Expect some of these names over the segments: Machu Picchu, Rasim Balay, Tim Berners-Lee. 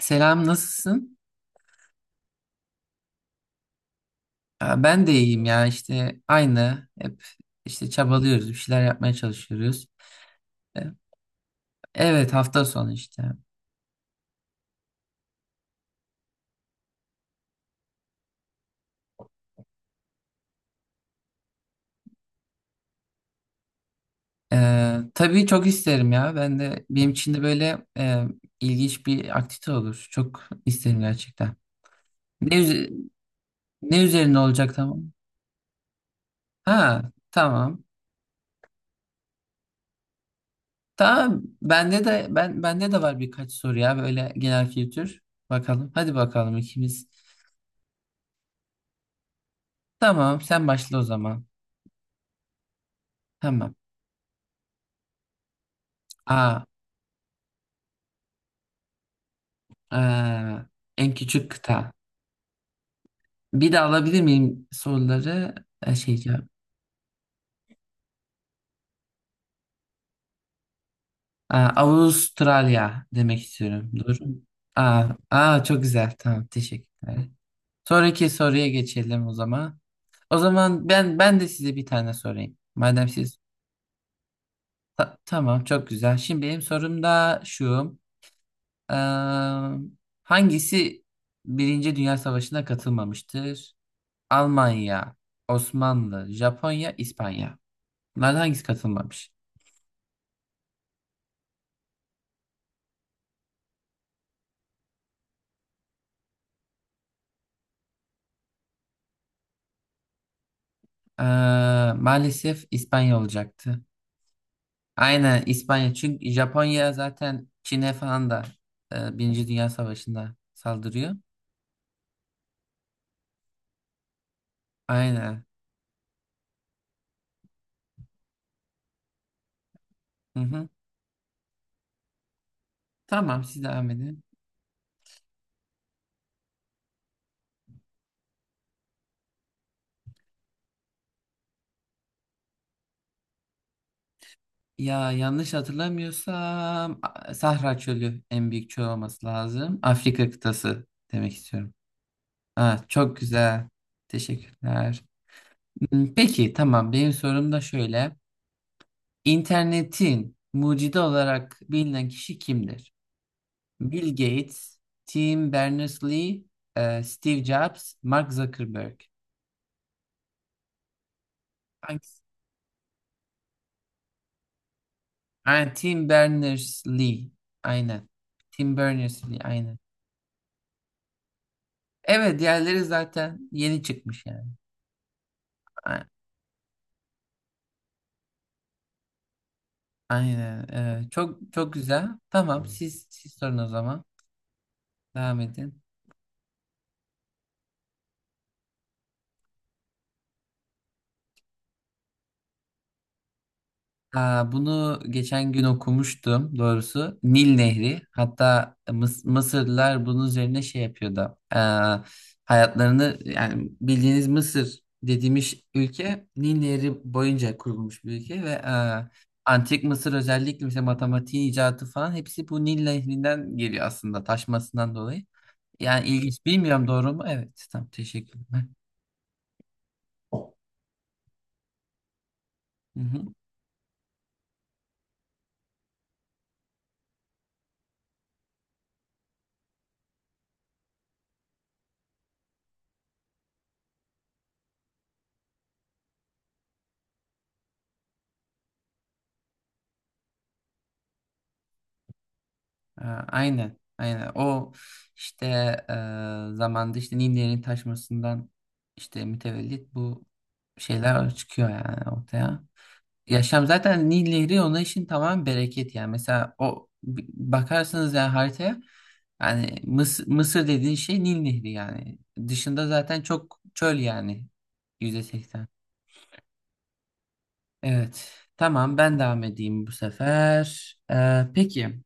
Selam, nasılsın? Ben de iyiyim ya işte aynı hep işte çabalıyoruz bir şeyler yapmaya çalışıyoruz. E, Evet hafta sonu işte. Tabii çok isterim ya ben de benim için de böyle ilginç bir aktivite olur. Çok isterim gerçekten. Ne, üze- ne üzerine olacak tamam? Ha tamam. Tamam bende de var birkaç soru ya böyle genel kültür. Bakalım hadi bakalım ikimiz. Tamam sen başla o zaman. Tamam. Aa. Ee, En küçük kıta. Bir de alabilir miyim soruları? Şey cevap. Avustralya demek istiyorum. Doğru mu? Aa, aa, çok güzel. Tamam, teşekkürler. Sonraki soruya geçelim o zaman. O zaman ben de size bir tane sorayım. Madem siz Tamam çok güzel. Şimdi benim sorum da şu. Ee, hangisi Birinci Dünya Savaşı'na katılmamıştır? Almanya, Osmanlı, Japonya, İspanya. Bunlardan hangisi katılmamış? Ee, Maalesef İspanya olacaktı. Aynen İspanya. Çünkü Japonya zaten Çin'e falan da Birinci Dünya Savaşı'nda saldırıyor. Aynen. Hı hı. Tamam siz devam edin. Ya yanlış hatırlamıyorsam Sahra Çölü en büyük çöl olması lazım. Afrika kıtası demek istiyorum. Ha, çok güzel. Teşekkürler. Peki tamam benim sorum da şöyle. İnternetin mucidi olarak bilinen kişi kimdir? Bill Gates, Tim Berners-Lee, Steve Jobs, Mark Zuckerberg. Hangisi? Aynen, Tim Berners-Lee. Aynen. Tim Berners-Lee. Aynen. Evet, diğerleri zaten yeni çıkmış yani. A- Aynen. Çok çok güzel. Tamam, evet. Siz sorun o zaman. Devam edin. Aa, bunu geçen gün okumuştum doğrusu. Nil Nehri. Hatta Mısırlılar bunun üzerine şey yapıyordu. Hayatlarını yani bildiğiniz Mısır dediğimiz ülke Nil Nehri boyunca kurulmuş bir ülke ve Antik Mısır özellikle mesela matematiğin icadı falan hepsi bu Nil Nehri'nden geliyor aslında taşmasından dolayı. Yani ilginç. Bilmiyorum doğru mu? Evet. Tamam teşekkürler. Hı hı. Aynen, aynen. O işte zamanda işte Nini'nin taşmasından işte mütevellit bu şeyler çıkıyor yani ortaya. Yaşam zaten Nil Nehri ona işin tamam bereket yani. Mesela o bakarsanız yani haritaya yani Mısır, Mısır dediğin şey Nil Nehri yani. Dışında zaten çok çöl yani %80. Evet. Tamam ben devam edeyim bu sefer. Peki.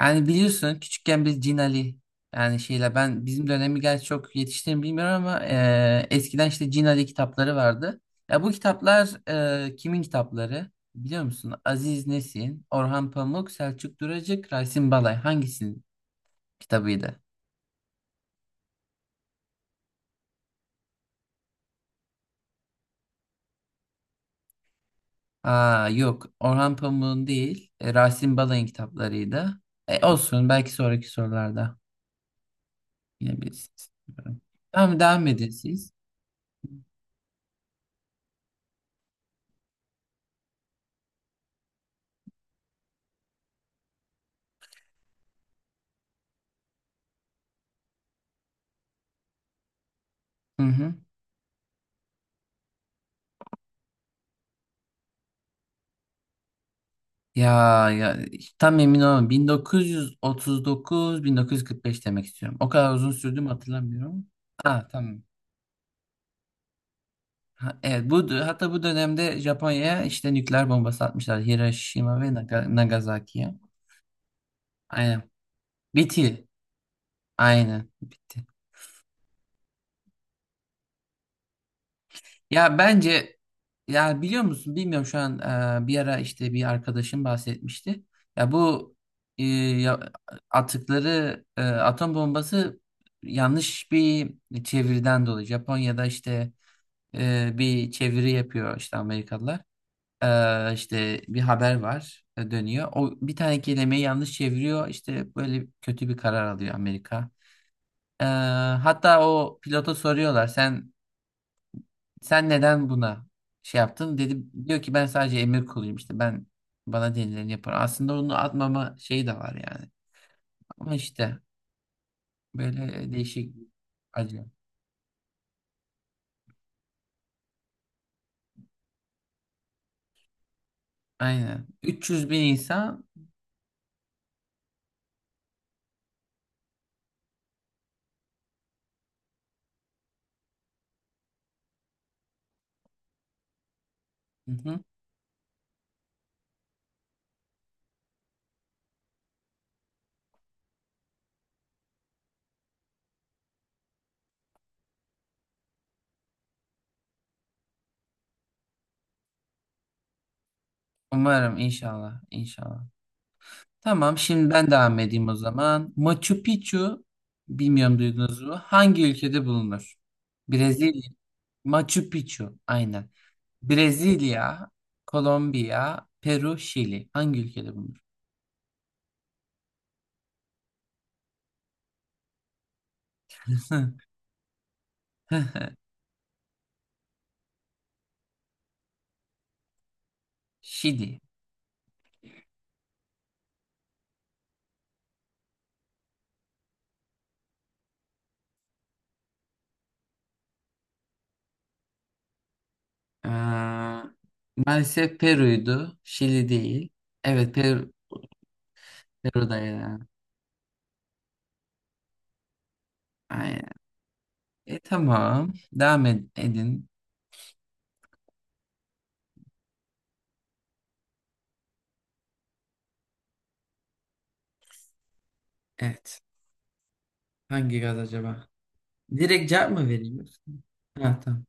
Yani biliyorsun küçükken biz Cin Ali yani şeyle ben bizim dönemi gerçi çok yetiştiğimi bilmiyorum ama eskiden işte Cin Ali kitapları vardı. Ya bu kitaplar kimin kitapları? Biliyor musun? Aziz Nesin, Orhan Pamuk, Selçuk Duracık, Rasim Balay hangisinin kitabıydı? Aa yok Orhan Pamuk'un değil Rasim Balay'ın kitaplarıydı. Olsun belki sonraki sorularda yine bilirsiniz. Tamam devam edin siz. Hı hı. Ya ya işte tam emin olamam. 1939-1945 demek istiyorum. O kadar uzun sürdü mü hatırlamıyorum. Ha tamam. Ha, evet bu hatta bu dönemde Japonya'ya işte nükleer bombası atmışlar Hiroşima ve Nagasaki'ye. Aynen. Bitti. Aynen. Bitti. Ya bence ya biliyor musun bilmiyorum şu an bir ara işte bir arkadaşım bahsetmişti. Ya bu e, ya- atıkları atom bombası yanlış bir çeviriden dolayı Japonya'da işte bir çeviri yapıyor işte Amerikalılar. İşte bir haber var dönüyor. O bir tane kelimeyi yanlış çeviriyor. İşte böyle kötü bir karar alıyor Amerika. E, Hatta o pilota soruyorlar sen neden buna şey yaptın? Dedim diyor ki ben sadece emir kuluyum işte ben bana denileni yaparım. Aslında onu atmama şeyi de var yani. Ama işte böyle değişik acı. Aynen. 300.000 insan. Hı hı. Umarım inşallah inşallah. Tamam şimdi ben devam edeyim o zaman. Machu Picchu bilmiyorum duydunuz mu? Hangi ülkede bulunur? Brezilya. Machu Picchu aynen. Brezilya, Kolombiya, Peru, Şili. Hangi ülkede bulunur? Şili. Ee, Maalesef Peru'ydu. Şili değil. Evet Peru, Peru'da ya. Aynen. Tamam. Devam edin. Evet. Hangi gaz acaba? Direkt cevap mı vereyim? Yoksa? Ha tamam.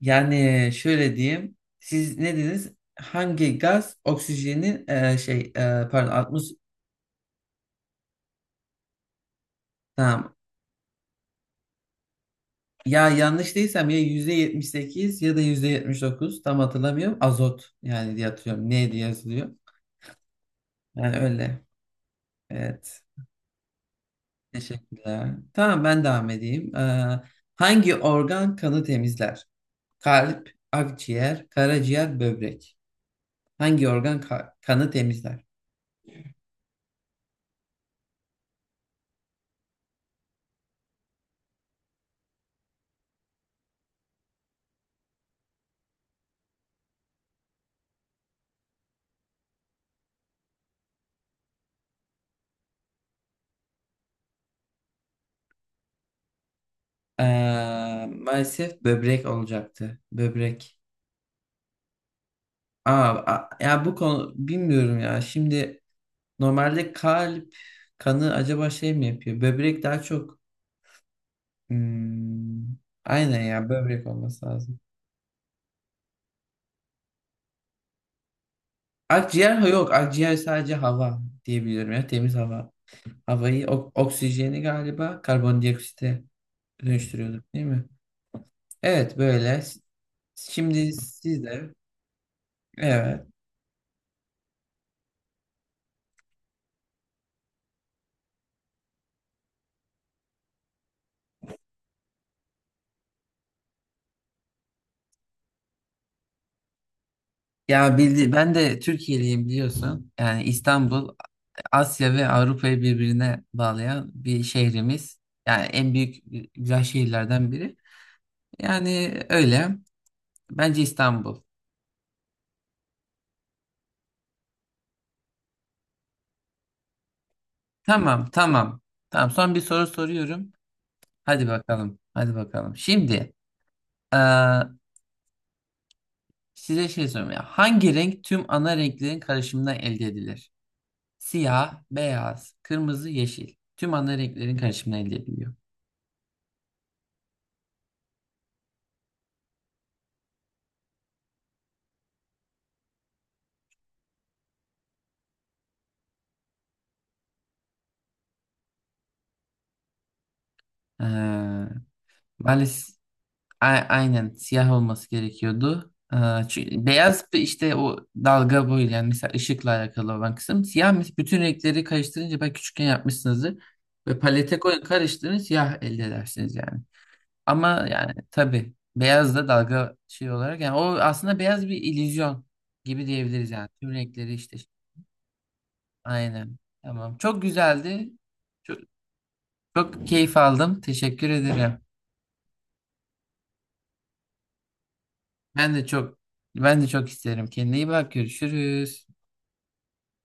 Yani şöyle diyeyim. Siz ne dediniz? Hangi gaz oksijenin şey pardon 60 tamam. Ya yanlış değilsem ya %78 ya da %79 tam hatırlamıyorum. Azot yani diye hatırlıyorum. Ne diye yazılıyor? Yani öyle. Evet. Teşekkürler. Tamam ben devam edeyim. Hangi organ kanı temizler? Kalp, akciğer, karaciğer, böbrek. Hangi organ kanı temizler? Maalesef böbrek olacaktı. Böbrek. Aa, Ya bu konu bilmiyorum ya. Şimdi normalde kalp kanı acaba şey mi yapıyor? Böbrek daha çok. Hmm, aynen ya böbrek olması lazım. Akciğer ha yok. Akciğer sadece hava diyebiliyorum ya temiz hava. Havayı oksijeni galiba karbondioksite dönüştürüyorduk değil mi? Evet böyle. Şimdi siz de evet. Ya bildi ben de Türkiye'liyim biliyorsun. Yani İstanbul Asya ve Avrupa'yı birbirine bağlayan bir şehrimiz. Yani en büyük güzel şehirlerden biri. Yani öyle. Bence İstanbul. Tamam, tamam. Tamam. Son bir soru soruyorum. Hadi bakalım. Hadi bakalım. Şimdi eee, size şey sorayım ya. Hangi renk tüm ana renklerin karışımından elde edilir? Siyah, beyaz, kırmızı, yeşil. Tüm ana renklerin karışımından elde ediliyor. Ee, Maalesef aynen siyah olması gerekiyordu. Çünkü beyaz bir işte o dalga boyu yani mesela ışıkla alakalı olan kısım. Siyah bütün renkleri karıştırınca belki küçükken yapmışsınızdır. Ve palete koyun karıştırın siyah elde edersiniz yani. Ama yani tabii beyaz da dalga şey olarak yani o aslında beyaz bir illüzyon gibi diyebiliriz yani. Tüm renkleri işte. Aynen. Tamam. Çok güzeldi. Çok, çok keyif aldım. Teşekkür ederim. Ben de çok ben de çok isterim. Kendine iyi bak. Görüşürüz.